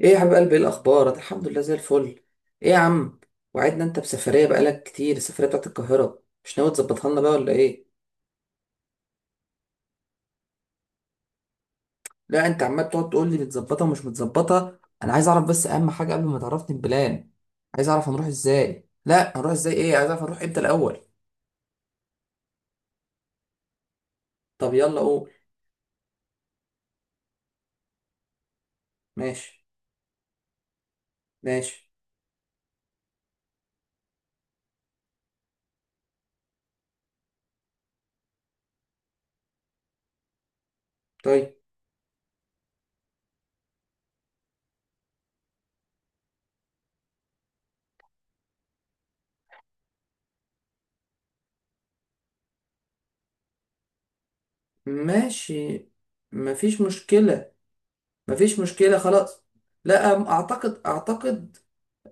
ايه يا حبيب قلبي، ايه الاخبار؟ الحمد لله زي الفل. ايه يا عم، وعدنا انت بسفريه بقالك كتير، السفريه بتاعت القاهره مش ناوي تظبطها لنا بقى ولا ايه؟ لا انت عمال تقعد تقول لي متظبطه ومش متظبطه، انا عايز اعرف بس اهم حاجه قبل ما تعرفني البلان. عايز اعرف هنروح ازاي؟ لا هنروح ازاي ايه، عايز اعرف هنروح امتى الاول. طب يلا قول. ماشي. ماشي. طيب. ماشي. مفيش مشكله. مفيش مشكله خلاص. لا، اعتقد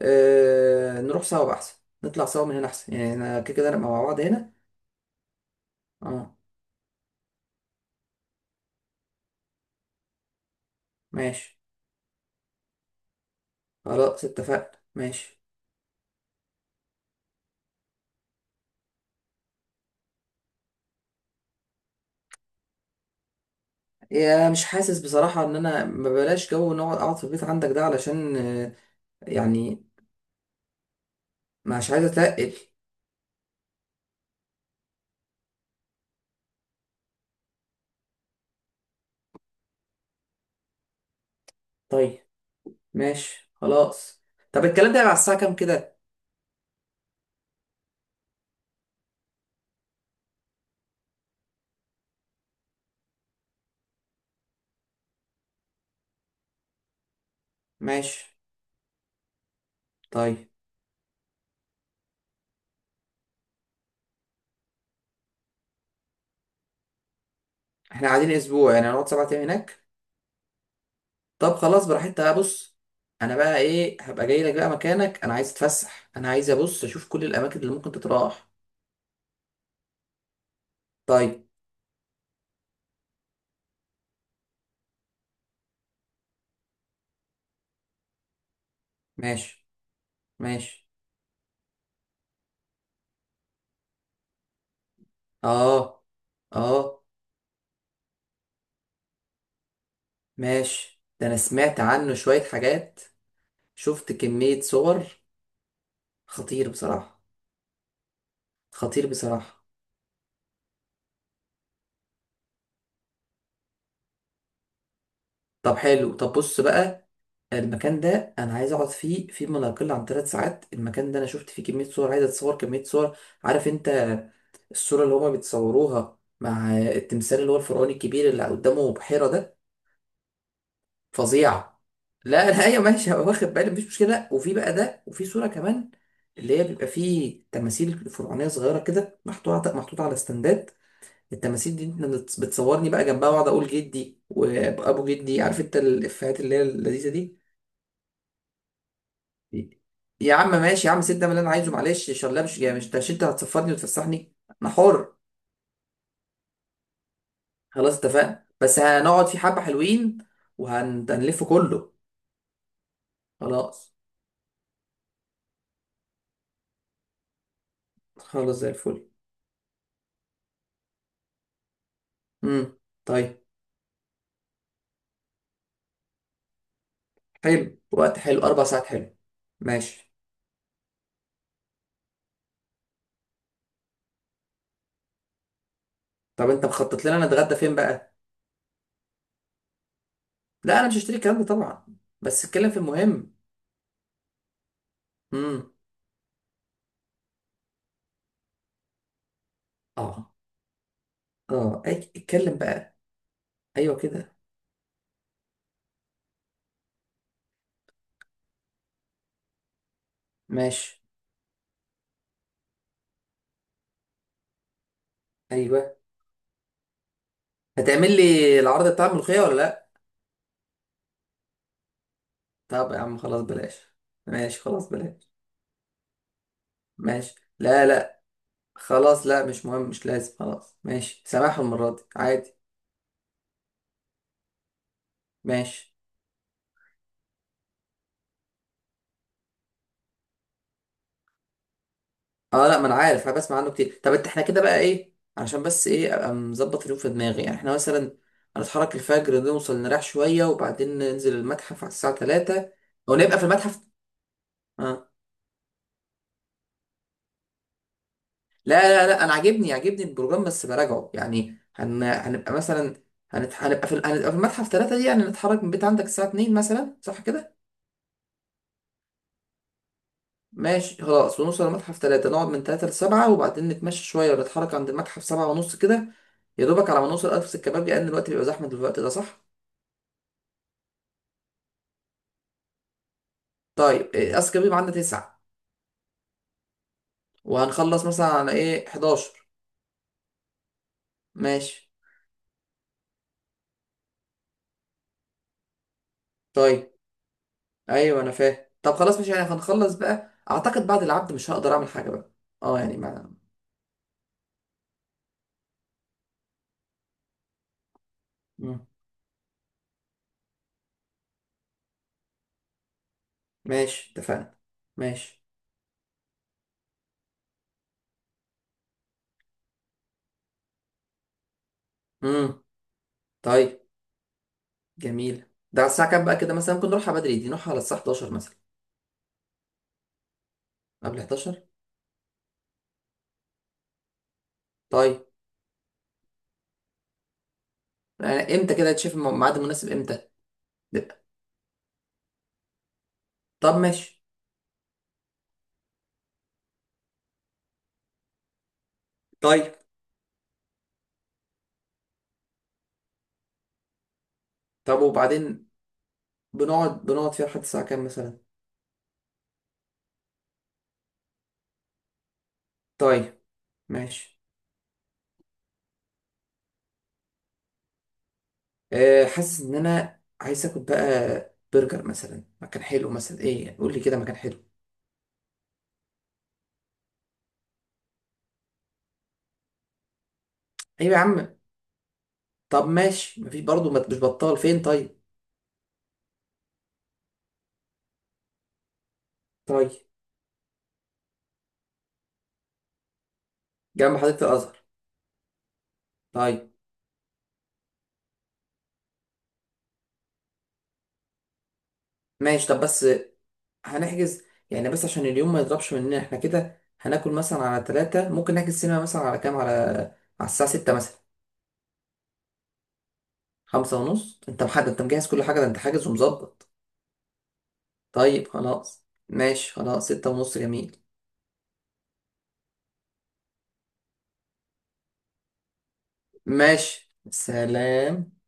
آه، نروح سوا بقى احسن. نطلع سوا من هنا احسن، يعني انا كده كده نبقى مع بعض هنا. اه. ماشي خلاص اتفقنا. ماشي. يا مش حاسس بصراحة ان انا، ما بلاش جو نقعد اقعد في البيت عندك ده، علشان يعني مش عايز اتقل. طيب. ماشي خلاص. طب الكلام ده يبقى على الساعة كام كده؟ ماشي. طيب. احنا قاعدين اسبوع؟ يعني هنقعد سبعة ايام هناك؟ طب خلاص براحتها، بص. انا بقى ايه، هبقى جاي لك بقى مكانك، انا عايز اتفسح، انا عايز ابص اشوف كل الاماكن اللي ممكن تتراح. طيب. ماشي. ماشي. اه. اه. ماشي، ده انا سمعت عنه شوية حاجات. شفت كمية صور. خطير بصراحة. خطير بصراحة. طب حلو، طب بص بقى. المكان ده انا عايز اقعد فيه في ما لا يقل عن ثلاث ساعات، المكان ده انا شفت فيه كمية صور، عايز اتصور كمية صور، عارف انت؟ الصورة اللي هما بيتصوروها مع التمثال اللي هو الفرعوني الكبير اللي قدامه بحيرة ده. فظيع. لا ايوه ماشي، هبقى واخد بالي، مفيش مشكله. وفي بقى ده، وفي صوره كمان، اللي هي بيبقى فيه تماثيل فرعونيه صغيره كده محطوطه محطوطه على استندات. التماثيل دي انت بتصورني بقى جنبها، واقعد اقول جدي وابو جدي، عارف انت الافيهات اللي هي اللذيذه دي. يا عم ماشي يا عم، سيب ده من اللي انا عايزه، معلش شلة، مش جاي مش مش انت هتصفرني وتفسحني؟ انا حر. خلاص اتفقنا، بس هنقعد في حبه حلوين وهنلف كله. خلاص. خلاص زي الفل. امم. طيب حلو، وقت حلو، اربع ساعات حلو. ماشي. طب انت مخطط لنا نتغدى فين بقى؟ لا انا مش هشتري الكلام ده طبعا. بس اتكلم في المهم. امم. اه. اه أي- اتكلم بقى. ايوه كده. ماشي. ايوه، هتعمل لي العرض بتاع الملوخيه ولا لا؟ طب يا عم خلاص بلاش. ماشي خلاص بلاش. ماشي. لا لا. خلاص، لا مش مهم، مش لازم، خلاص ماشي، سامحهم المره دي عادي. ماشي. اه لا ما انا عارف، انا بسمع عنه كتير. طب انت، احنا كده بقى ايه علشان بس ايه، ابقى مظبط اليوم في دماغي، يعني احنا مثلا هنتحرك الفجر، نوصل نريح شويه، وبعدين ننزل المتحف على الساعه 3، او نبقى في المتحف؟ اه. لا لا لا، انا عاجبني عاجبني البروجرام، بس براجعه. يعني هن... هنبقى مثلا هنت... هنبقى في ال- هنبقى في المتحف 3 دي، يعني نتحرك من بيت عندك الساعه 2 مثلا، صح كده؟ ماشي خلاص، ونوصل المتحف 3، نقعد من 3 ل 7، وبعدين نتمشى شويه ونتحرك عند المتحف 7 ونص كده. يا دوبك على ما نوصل ألف سكة كباب، لأن الوقت بيبقى زحمة دلوقتي، ده صح؟ طيب اذكى بيبقى عندنا تسعة، وهنخلص مثلا على ايه، 11؟ ماشي. طيب ايوه انا فاهم، طب خلاص مش يعني، هنخلص بقى اعتقد، بعد العبد مش هقدر اعمل حاجة بقى. اه يعني ما. مم. ماشي اتفقنا. ماشي. امم. طيب. جميل. ده على الساعة كام بقى كده؟ مثلا ممكن نروحها بدري دي، نروحها على الساعة 11 مثلا؟ قبل 11. طيب يعني امتى كده، تشوف الميعاد المناسب امتى. لا. طب ماشي. طيب. طب وبعدين، بنقعد بنقعد فيها لحد الساعة كام مثلا؟ طيب. ماشي. آه، حاسس ان انا عايز اكل بقى. برجر مثلا، مكان حلو، مثلا ايه يعني، قول لي كده مكان حلو. ايوه يا عم. طب ماشي، مفيش برضه، مش بطال، فين طيب؟ طيب. جنب حديقة الازهر. طيب. ماشي. طب بس هنحجز؟ يعني بس عشان اليوم ما يضربش مننا، احنا كده هناكل مثلا على ثلاثة، ممكن نحجز سينما مثلا على كام، على على الساعة ستة مثلا؟ خمسة ونص؟ انت محدد، انت مجهز كل حاجة، ده انت حاجز ومظبط. طيب خلاص ماشي، خلاص ستة ونص، جميل. ماشي سلام.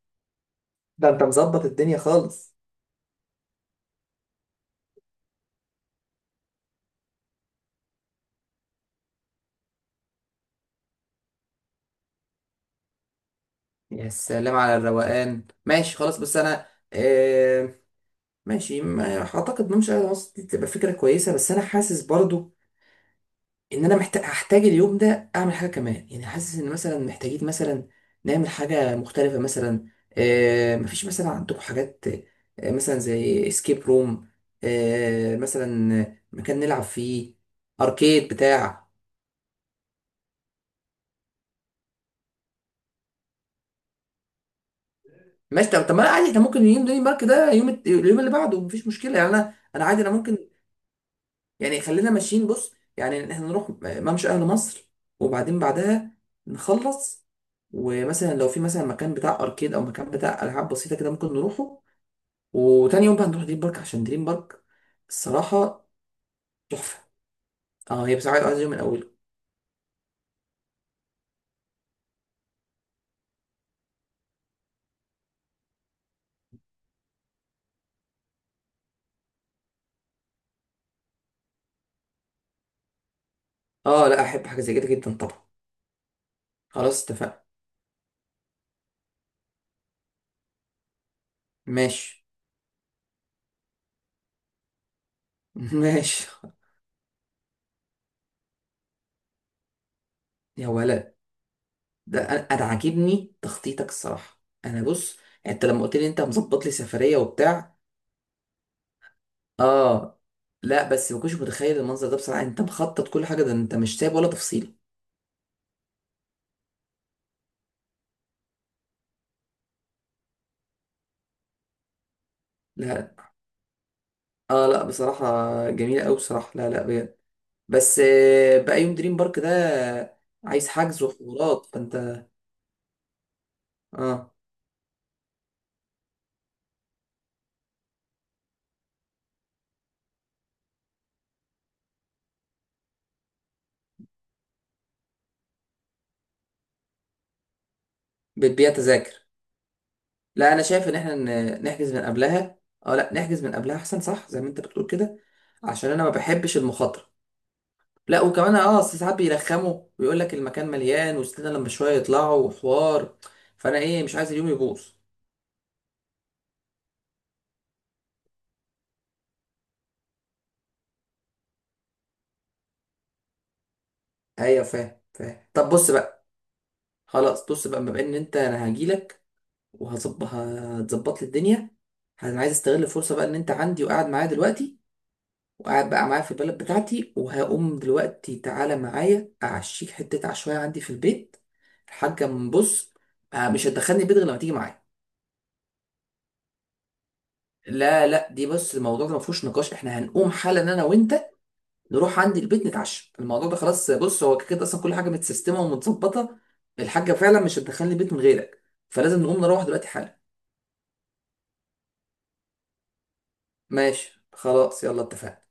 ده انت مظبط الدنيا خالص. يا سلام على الروقان، ماشي خلاص. بس انا آه، ماشي، ما اعتقد ممشى على مصر دي تبقى فكره كويسه، بس انا حاسس برضو ان انا محتاج، هحتاج اليوم ده اعمل حاجه كمان. يعني حاسس ان مثلا محتاجين مثلا نعمل حاجه مختلفه مثلا. آه، مفيش مثلا عندكم حاجات آه مثلا زي اسكيب روم، آه مثلا مكان نلعب فيه، اركيد بتاع. ماشي. طب طب ما عادي، احنا ممكن يوم دني مارك ده يوم اليوم اللي بعده، مفيش مشكله يعني. انا، انا عادي، انا ممكن يعني، خلينا ماشيين. بص يعني، احنا نروح ممشى اهل مصر وبعدين بعدها نخلص، ومثلا لو في مثلا مكان بتاع اركيد او مكان بتاع العاب بسيطه كده، ممكن نروحه. وتاني يوم بقى نروح دريم بارك، عشان دريم بارك الصراحه تحفه. اه هي بصراحه عايز يوم من اوله. اه لا، احب حاجه زي كده جدا طبعا. خلاص اتفقنا. ماشي. ماشي. يا ولد، ده انا، أنا عاجبني تخطيطك الصراحه. انا بص، انت لما قلت لي انت مظبط لي سفريه وبتاع. اه. لا بس ما كنتش متخيل المنظر ده بصراحه، انت مخطط كل حاجه، ده انت مش سايب ولا تفصيله. لا. اه لا بصراحه، جميله قوي بصراحه. لا لا بجد. بس آه، بقى يوم دريم بارك ده، عايز حجز وحوارات؟ فانت اه، بتبيع تذاكر؟ لا انا شايف ان احنا نحجز من قبلها. اه لا نحجز من قبلها احسن، صح، زي ما انت بتقول كده. عشان انا ما بحبش المخاطره. لا وكمان اه، أصل ساعات بيرخموا ويقول لك المكان مليان، وستنا لما شويه يطلعوا، وحوار. فانا ايه، مش عايز اليوم يبوظ. ايوه فاهم فاهم. طب بص بقى، خلاص بص بقى. بما ان انت، انا هجيلك وهظبط، هتظبط لي الدنيا. انا عايز استغل الفرصه بقى ان انت عندي وقاعد معايا دلوقتي، وقاعد بقى معايا في البلد بتاعتي، وهقوم دلوقتي تعالى معايا، اعشيك حته عشوائيه عندي في البيت. الحاجه، من بص آه، مش هتدخلني البيت غير لما تيجي معايا. لا لا، دي بص الموضوع ده ما فيهوش نقاش، احنا هنقوم حالا انا وانت، نروح عندي البيت نتعشى. الموضوع ده خلاص. بص هو كده كده اصلا كل حاجه متسيستمه ومتظبطه، الحاجه فعلا مش هتدخلني البيت من غيرك، فلازم نقوم نروح دلوقتي حالا. ماشي خلاص يلا اتفقنا.